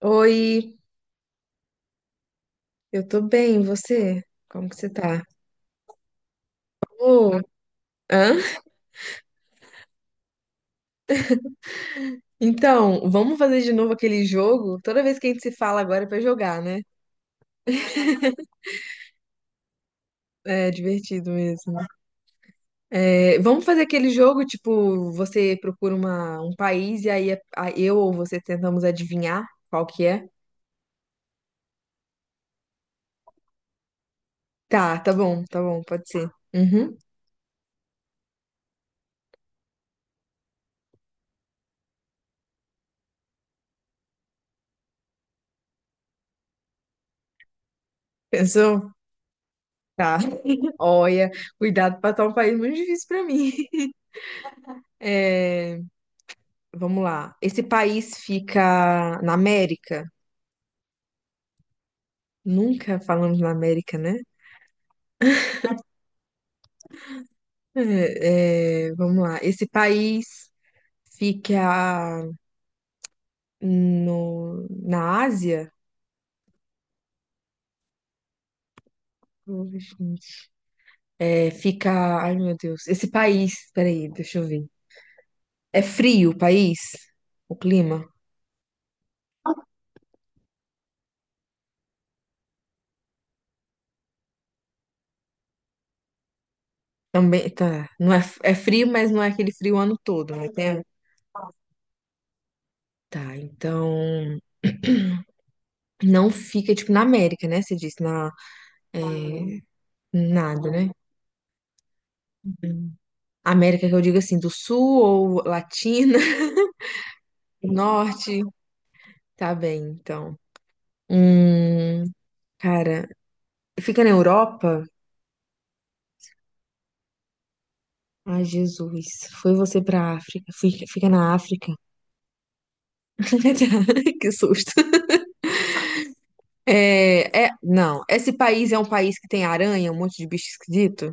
Oi, eu tô bem, e você? Como que você tá? Ô, hã? Então, vamos fazer de novo aquele jogo? Toda vez que a gente se fala agora é pra jogar, né? É divertido mesmo. É, vamos fazer aquele jogo, tipo, você procura um país e aí eu ou você tentamos adivinhar qual que é? Tá, tá bom, pode ser. Uhum. Pensou? Tá. Olha, cuidado pra tá um país muito difícil pra mim. É, vamos lá. Esse país fica na América? Nunca falamos na América, né? É, é, vamos lá. Esse país fica no, na Ásia? É, fica. Ai, meu Deus. Esse país. Peraí, deixa eu ver. É frio o país? O clima? Também. Tá. Não é, é frio, mas não é aquele frio o ano todo, né? Tem- Tá, então. Não fica, tipo, na América, né? Você disse, na. É, nada, né? América que eu digo assim, do sul ou latina, norte, tá bem, então. Hum, cara, fica na Europa? Ai, Jesus, foi você pra África, fica, fica na África. Que susto. É, é, não, esse país é um país que tem aranha, um monte de bicho esquisito?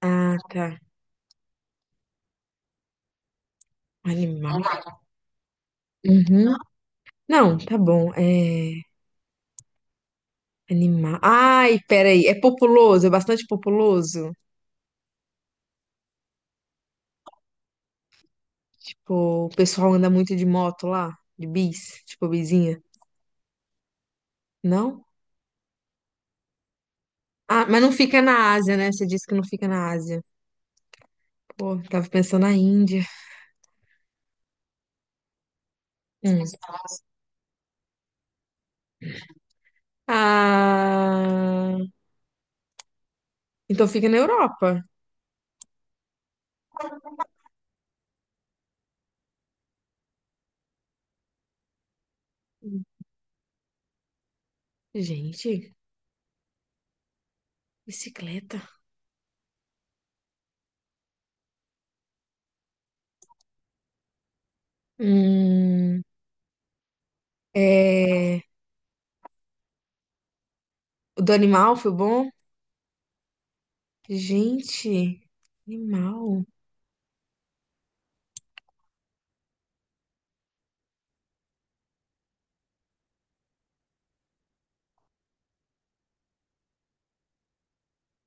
Ah, tá, animal. Uhum. Não, tá bom, é, animal. Ai, peraí, é populoso, é bastante populoso? Tipo, o pessoal anda muito de moto lá, tipo bizinha. Não? Ah, mas não fica na Ásia, né? Você disse que não fica na Ásia. Pô, tava pensando na Índia. Hum. Ah, então fica na Europa. Gente, bicicleta. Hum, é, o do animal foi bom? Gente, animal.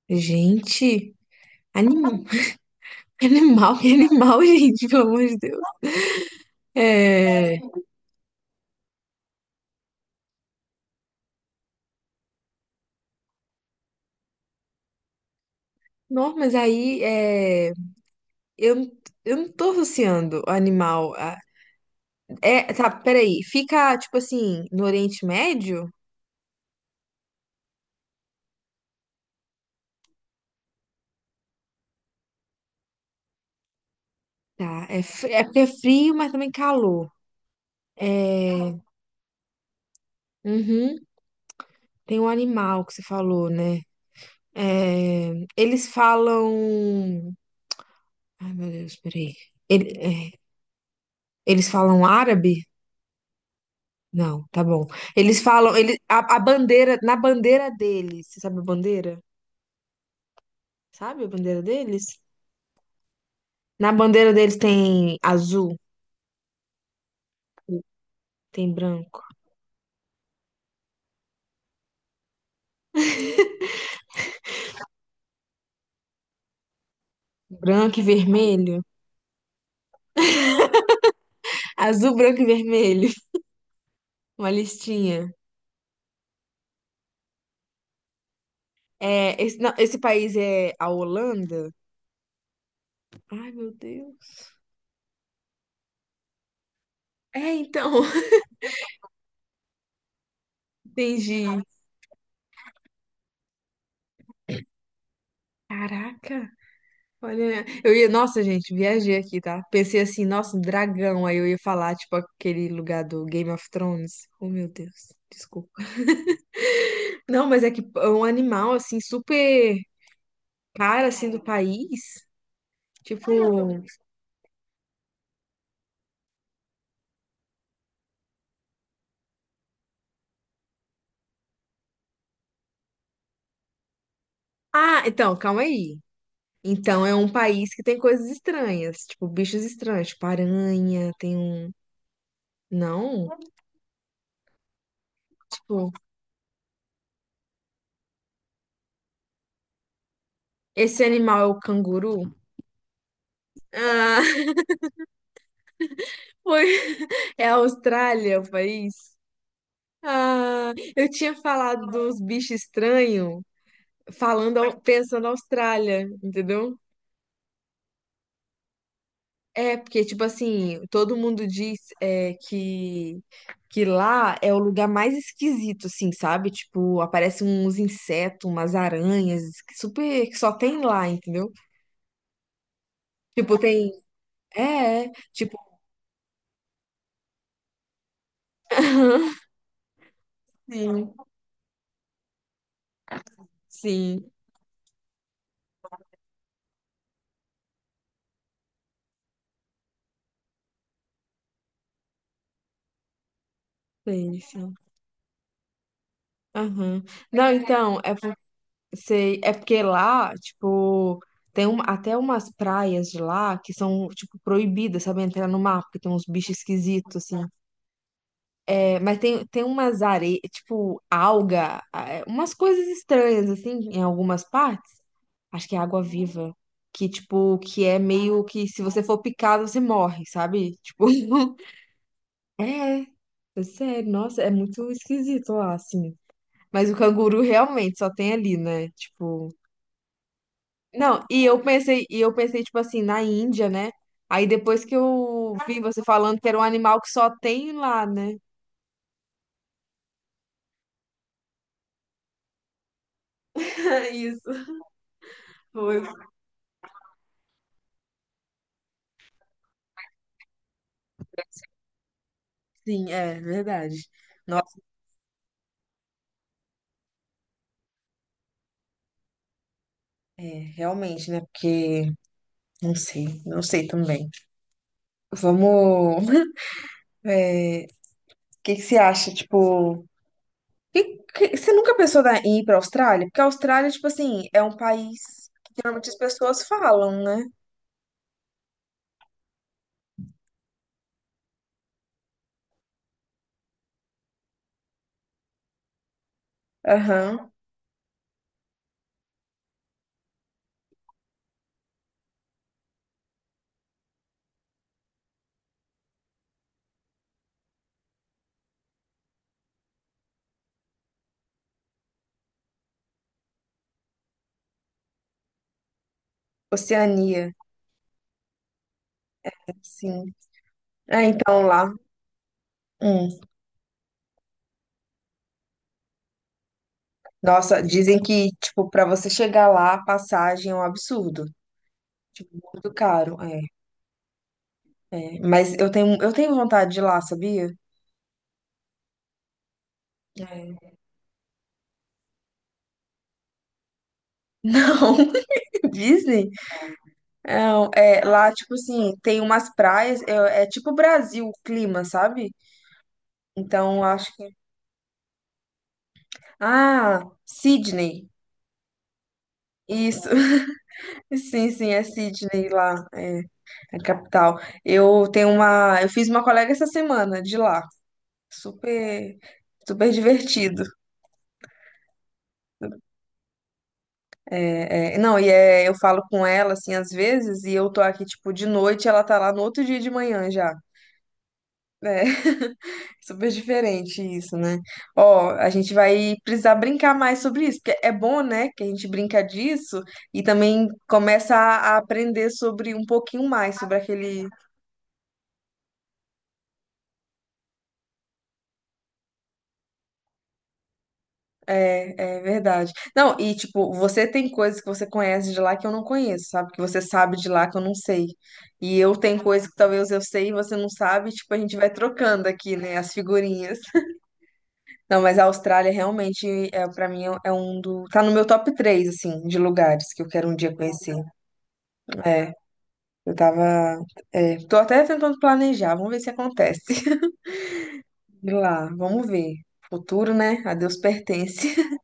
Gente, animal. Animal, que animal, gente, pelo amor de Deus. É, não, mas aí é. Eu, não- eu não tô associando animal a. É, tá, peraí. Fica, tipo assim, no Oriente Médio? Tá, é, é porque é frio, mas também calor. É. Uhum, tem um animal que você falou, né? É, eles falam. Ai, meu Deus, peraí. Ele- é, Eles falam árabe? Não, tá bom. Eles falam. Ele. A bandeira. Na bandeira deles. Você sabe a bandeira? Sabe a bandeira deles? Na bandeira deles tem azul, tem branco. Branco e vermelho? Azul, branco e vermelho. Uma listinha. É, esse, não, esse país é a Holanda? Ai, meu Deus. É, então. Entendi. Caraca. Olha, eu ia, nossa, gente, viajei aqui, tá? Pensei assim, nossa, um dragão. Aí eu ia falar, tipo, aquele lugar do Game of Thrones. Oh, meu Deus, desculpa. Não, mas é que é um animal, assim, super cara, assim, do país. Tipo. Ah, então, calma aí. Então é um país que tem coisas estranhas, tipo bichos estranhos, tipo aranha, tem um. Não, tipo, esse animal é o canguru? Ah, foi. É a Austrália o país? Ah, eu tinha falado dos bichos estranhos, falando, pensando Austrália, entendeu? É, porque, tipo assim, todo mundo diz é, que lá é o lugar mais esquisito, assim, sabe? Tipo, aparecem uns insetos, umas aranhas, que super, que só tem lá, entendeu? Tipo, tem. É, é, tipo. Sim, sim, sei, sim. Aham. Não, então, é, sei, é porque lá, tipo, tem um, até umas praias de lá que são, tipo, proibidas, sabe? Entrar no mar, porque tem uns bichos esquisitos, assim. É, mas tem, umas areias, tipo alga, é, umas coisas estranhas, assim, em algumas partes. Acho que é água viva. Que, tipo, que é meio que se você for picado, você morre, sabe? Tipo, é, é sério, nossa, é muito esquisito lá, assim. Mas o canguru realmente só tem ali, né? Tipo. Não, e eu pensei, tipo assim, na Índia, né? Aí depois que eu vi você falando que era um animal que só tem lá, né? Isso, foi. Sim, é verdade. Nossa, é, realmente, né? Porque não sei, não sei também. Vamos. É, o que que você acha? Tipo, você nunca pensou em ir para a Austrália? Porque a Austrália, tipo assim, é um país que geralmente as pessoas falam, né? Aham. Oceania, sim. É, então lá. Hum. Nossa, dizem que, tipo, para você chegar lá, a passagem é um absurdo. Tipo, muito caro. É, é. Mas eu tenho vontade de ir lá, sabia? É. Não, Disney? Não, é, lá, tipo assim, tem umas praias, é, é tipo Brasil o clima, sabe? Então, acho que. Ah, Sydney. Isso, sim, sim, é Sydney lá, é a capital. Eu tenho uma. Eu fiz uma colega essa semana de lá. Super. Super divertido. É, é, não, e é, eu falo com ela, assim, às vezes, e eu tô aqui, tipo, de noite, ela tá lá no outro dia de manhã já. É, super diferente isso, né? Ó, a gente vai precisar brincar mais sobre isso, porque é bom, né, que a gente brinca disso e também começa a aprender sobre um pouquinho mais sobre aquele. É, é verdade. Não, e tipo, você tem coisas que você conhece de lá que eu não conheço, sabe? Que você sabe de lá que eu não sei. E eu tenho coisas que talvez eu sei e você não sabe, e, tipo, a gente vai trocando aqui, né, as figurinhas. Não, mas a Austrália realmente é para mim é um do tá no meu top 3 assim de lugares que eu quero um dia conhecer. É, eu tava é, tô até tentando planejar, vamos ver se acontece. Ir lá, vamos ver. Futuro, né? A Deus pertence.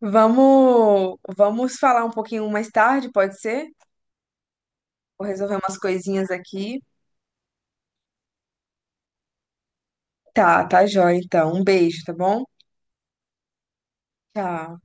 Vamos falar um pouquinho mais tarde, pode ser? Vou resolver umas coisinhas aqui. Tá, tá jóia então. Um beijo, tá bom? Tchau.